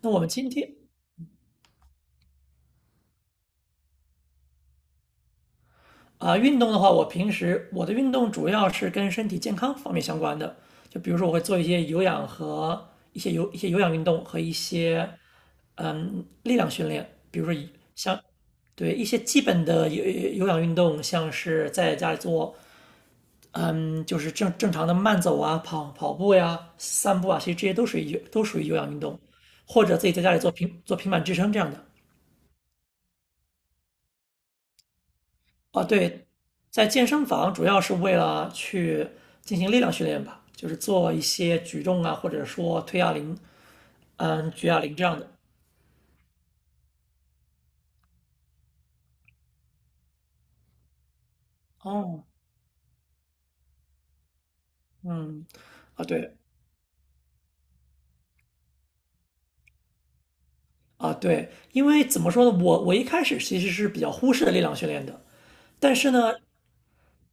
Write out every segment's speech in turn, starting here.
那我们今天运动的话，我平时我的运动主要是跟身体健康方面相关的，就比如说我会做一些有氧和一些有氧运动和一些力量训练，比如说像对一些基本的有氧运动，像是在家里做，嗯，就是正常的慢走啊、跑步呀、散步啊，其实这些都属于有氧运动，或者自己在家里做平板支撑这样的。啊，对，在健身房主要是为了去进行力量训练吧，就是做一些举重啊，或者说推哑铃，嗯，举哑铃这样的。哦，嗯，啊，对，啊，对，因为怎么说呢，我一开始其实是比较忽视力量训练的。但是呢，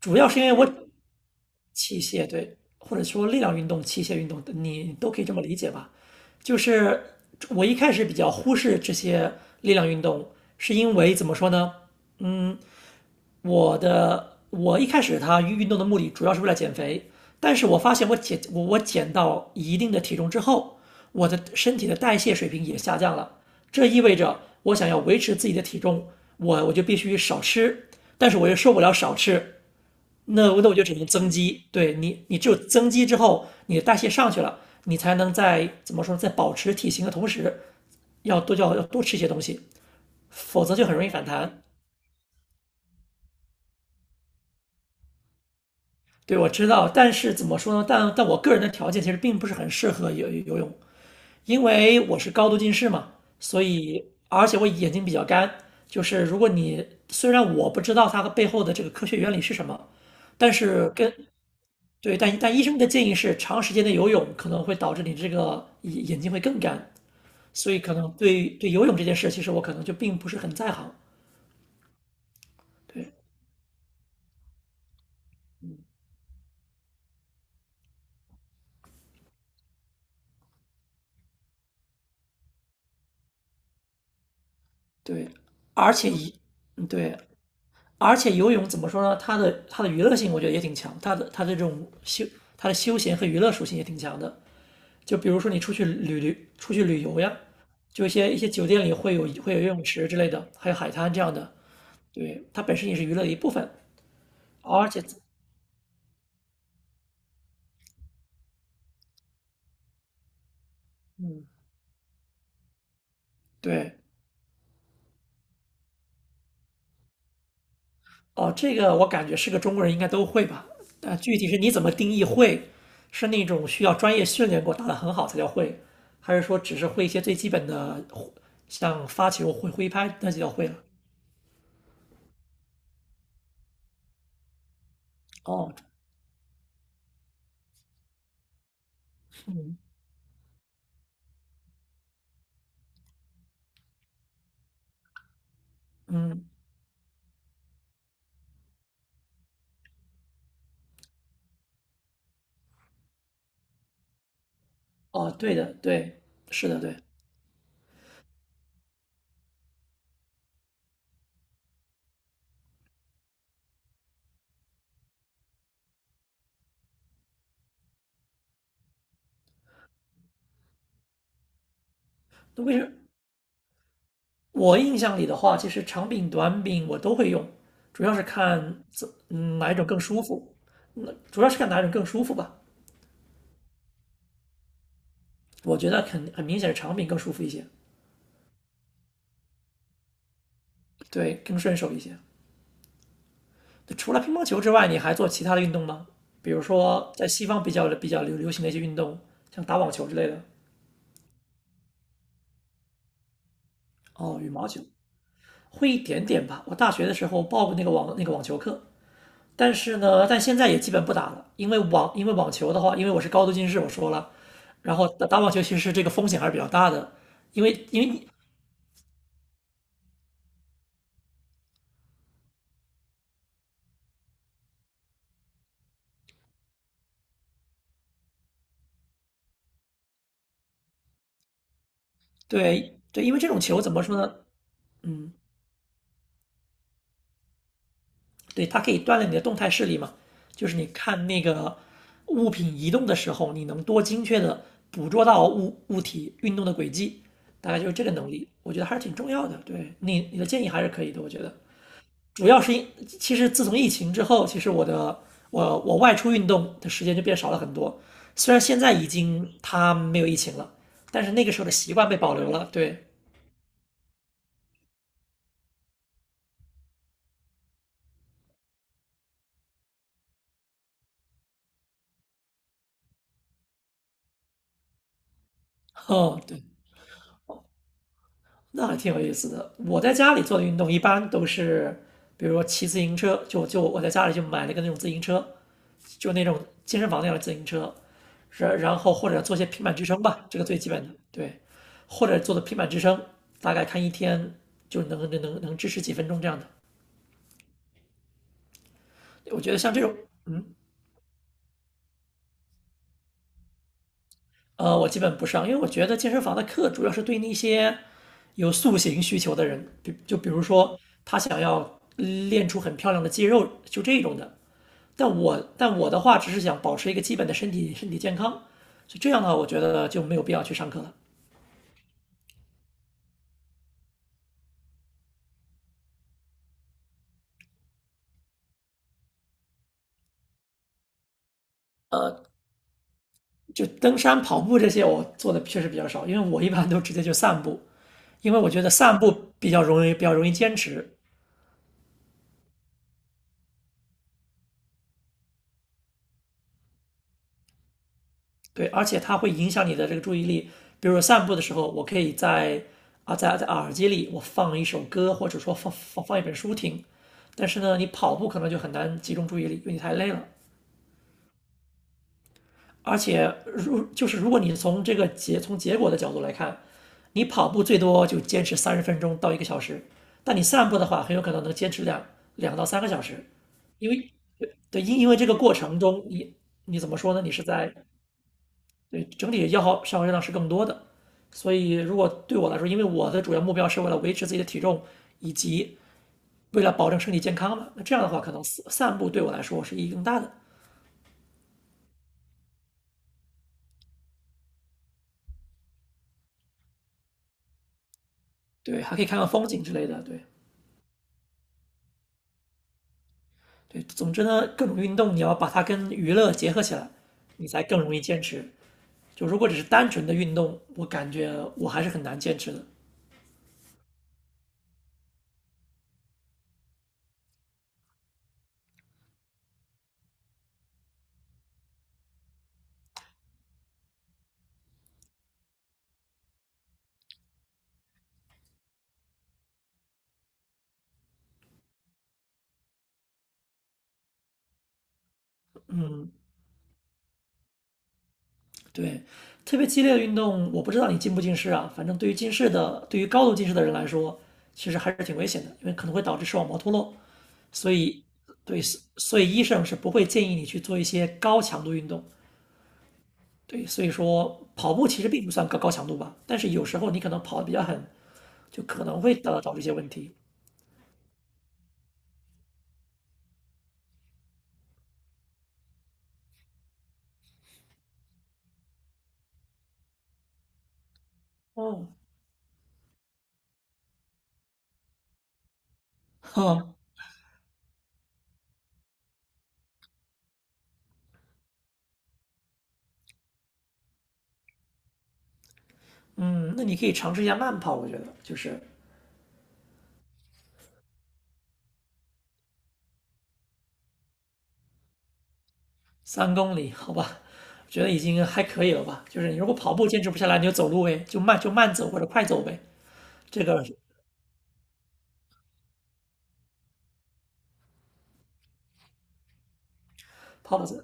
主要是因为我器械，对，或者说力量运动、器械运动，你都可以这么理解吧。就是我一开始比较忽视这些力量运动，是因为怎么说呢？我一开始它运动的目的主要是为了减肥，但是我发现我减到一定的体重之后，我的身体的代谢水平也下降了，这意味着我想要维持自己的体重，我就必须少吃，但是我又受不了少吃，那我就只能增肌。对。你只有增肌之后，你的代谢上去了，你才能，在怎么说，在保持体型的同时，要多吃一些东西，否则就很容易反弹。对，我知道，但是怎么说呢？但但我个人的条件其实并不是很适合游泳，因为我是高度近视嘛，所以而且我眼睛比较干。就是如果你虽然我不知道它背后的这个科学原理是什么，但是跟对，但医生的建议是，长时间的游泳可能会导致你这个眼睛会更干，所以可能对游泳这件事，其实我可能就并不是很在行。对对，而且一嗯对，而且游泳怎么说呢？它的娱乐性我觉得也挺强，它的这种休它的休闲和娱乐属性也挺强的。就比如说你出去旅游呀，就一些酒店里会有游泳池之类的，还有海滩这样的。对，它本身也是娱乐的一部分，而且嗯，对。哦，这个我感觉是个中国人应该都会吧？但具体是你怎么定义会，是那种需要专业训练过打得很好才叫会，还是说只是会一些最基本的，像发球、挥拍那就叫会了？哦，嗯，哦，对的，对，是的，对。那为什么我印象里的话，其实长柄、短柄我都会用，主要是看哪一种更舒服，主要是看哪一种更舒服吧。我觉得肯很明显是长柄更舒服一些，对，更顺手一些。对，除了乒乓球之外，你还做其他的运动吗？比如说在西方比较流行的一些运动，像打网球之类的。哦，羽毛球会一点点吧。我大学的时候报过那个网球课，但是呢，但现在也基本不打了，因为网球的话，因为我是高度近视，我说了，然后打网球其实这个风险还是比较大的，因为因为你对对，因为这种球怎么说呢？嗯，对，它可以锻炼你的动态视力嘛，就是你看那个物品移动的时候，你能多精确的捕捉到物体运动的轨迹，大概就是这个能力，我觉得还是挺重要的。对，你你的建议还是可以的，我觉得。主要是因，其实自从疫情之后，其实我的我我外出运动的时间就变少了很多。虽然现在已经它没有疫情了，但是那个时候的习惯被保留了。对。哦，对，那还挺有意思的。我在家里做的运动一般都是，比如说骑自行车，就我在家里就买了一个那种自行车，就那种健身房那样的自行车，然后或者做些平板支撑吧，这个最基本的，对，或者做的平板支撑，大概看一天就能支持几分钟这样的。我觉得像这种，呃，我基本不上，因为我觉得健身房的课主要是对那些有塑形需求的人，比如说他想要练出很漂亮的肌肉，就这种的。但我的话，只是想保持一个基本的身体健康，所以这样的话，我觉得就没有必要去上课了。就登山、跑步这些，我做的确实比较少，因为我一般都直接就散步，因为我觉得散步比较容易坚持，对，而且它会影响你的这个注意力。比如说散步的时候，我可以在啊在在耳机里我放一首歌，或者说放一本书听。但是呢，你跑步可能就很难集中注意力，因为你太累了。而且就是如果你从这个结果的角度来看，你跑步最多就坚持30分钟到一个小时，但你散步的话，很有可能能坚持两到三个小时，因为对，因为这个过程中你怎么说呢？你是在。对，整体消耗热量是更多的。所以，如果对我来说，因为我的主要目标是为了维持自己的体重，以及为了保证身体健康嘛，那这样的话，可能散步对我来说是意义更大的。对，还可以看看风景之类的。对，对，总之呢，各种运动你要把它跟娱乐结合起来，你才更容易坚持。就如果只是单纯的运动，我感觉我还是很难坚持的。对，特别激烈的运动，我不知道你近不近视啊。反正对于近视的，对于高度近视的人来说，其实还是挺危险的，因为可能会导致视网膜脱落。所以，对，所以医生是不会建议你去做一些高强度运动。对，所以说跑步其实并不算高强度吧，但是有时候你可能跑得比较狠，就可能会导致一些问题。哦，哼。嗯，那你可以尝试一下慢跑，我觉得就是3公里，好吧，我觉得已经还可以了吧。就是你如果跑步坚持不下来，你就走路呗，就慢就慢走或者快走呗。这个跑步，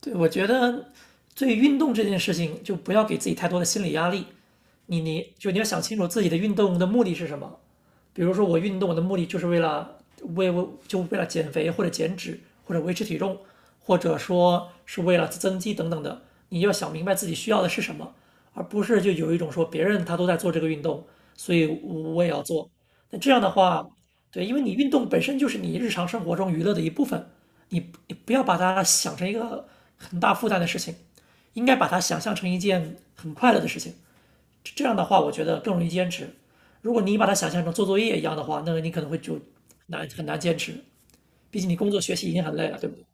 对，我觉得对运动这件事情，就不要给自己太多的心理压力。你要想清楚自己的运动的目的是什么。比如说我运动我的目的就是为了减肥或者减脂或者维持体重，或者说是为了增肌等等的。你要想明白自己需要的是什么，而不是就有一种说别人他都在做这个运动，所以我也要做。那这样的话，对，因为你运动本身就是你日常生活中娱乐的一部分，你你不要把它想成一个很大负担的事情，应该把它想象成一件很快乐的事情。这样的话，我觉得更容易坚持。如果你把它想象成做作业一样的话，那你可能会就难很难坚持。毕竟你工作学习已经很累了，对不对？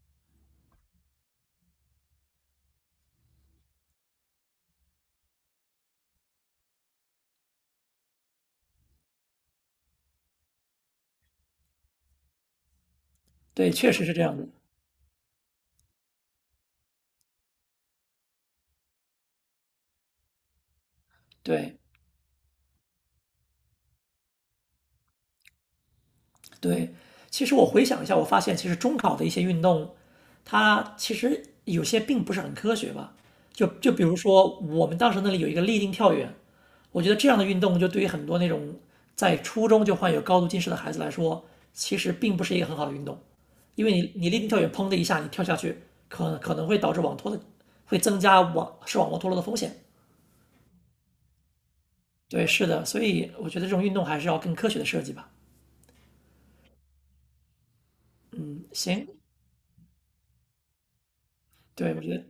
对，确实是这样的。对，对，其实我回想一下，我发现其实中考的一些运动，它其实有些并不是很科学吧。就比如说我们当时那里有一个立定跳远，我觉得这样的运动就对于很多那种在初中就患有高度近视的孩子来说，其实并不是一个很好的运动，因为你立定跳远砰的一下你跳下去，可能会导致网脱的，会增加视网膜脱落的风险。对，是的，所以我觉得这种运动还是要更科学的设计吧。嗯，行，对，我觉得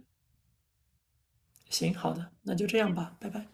行，好的，那就这样吧，拜拜。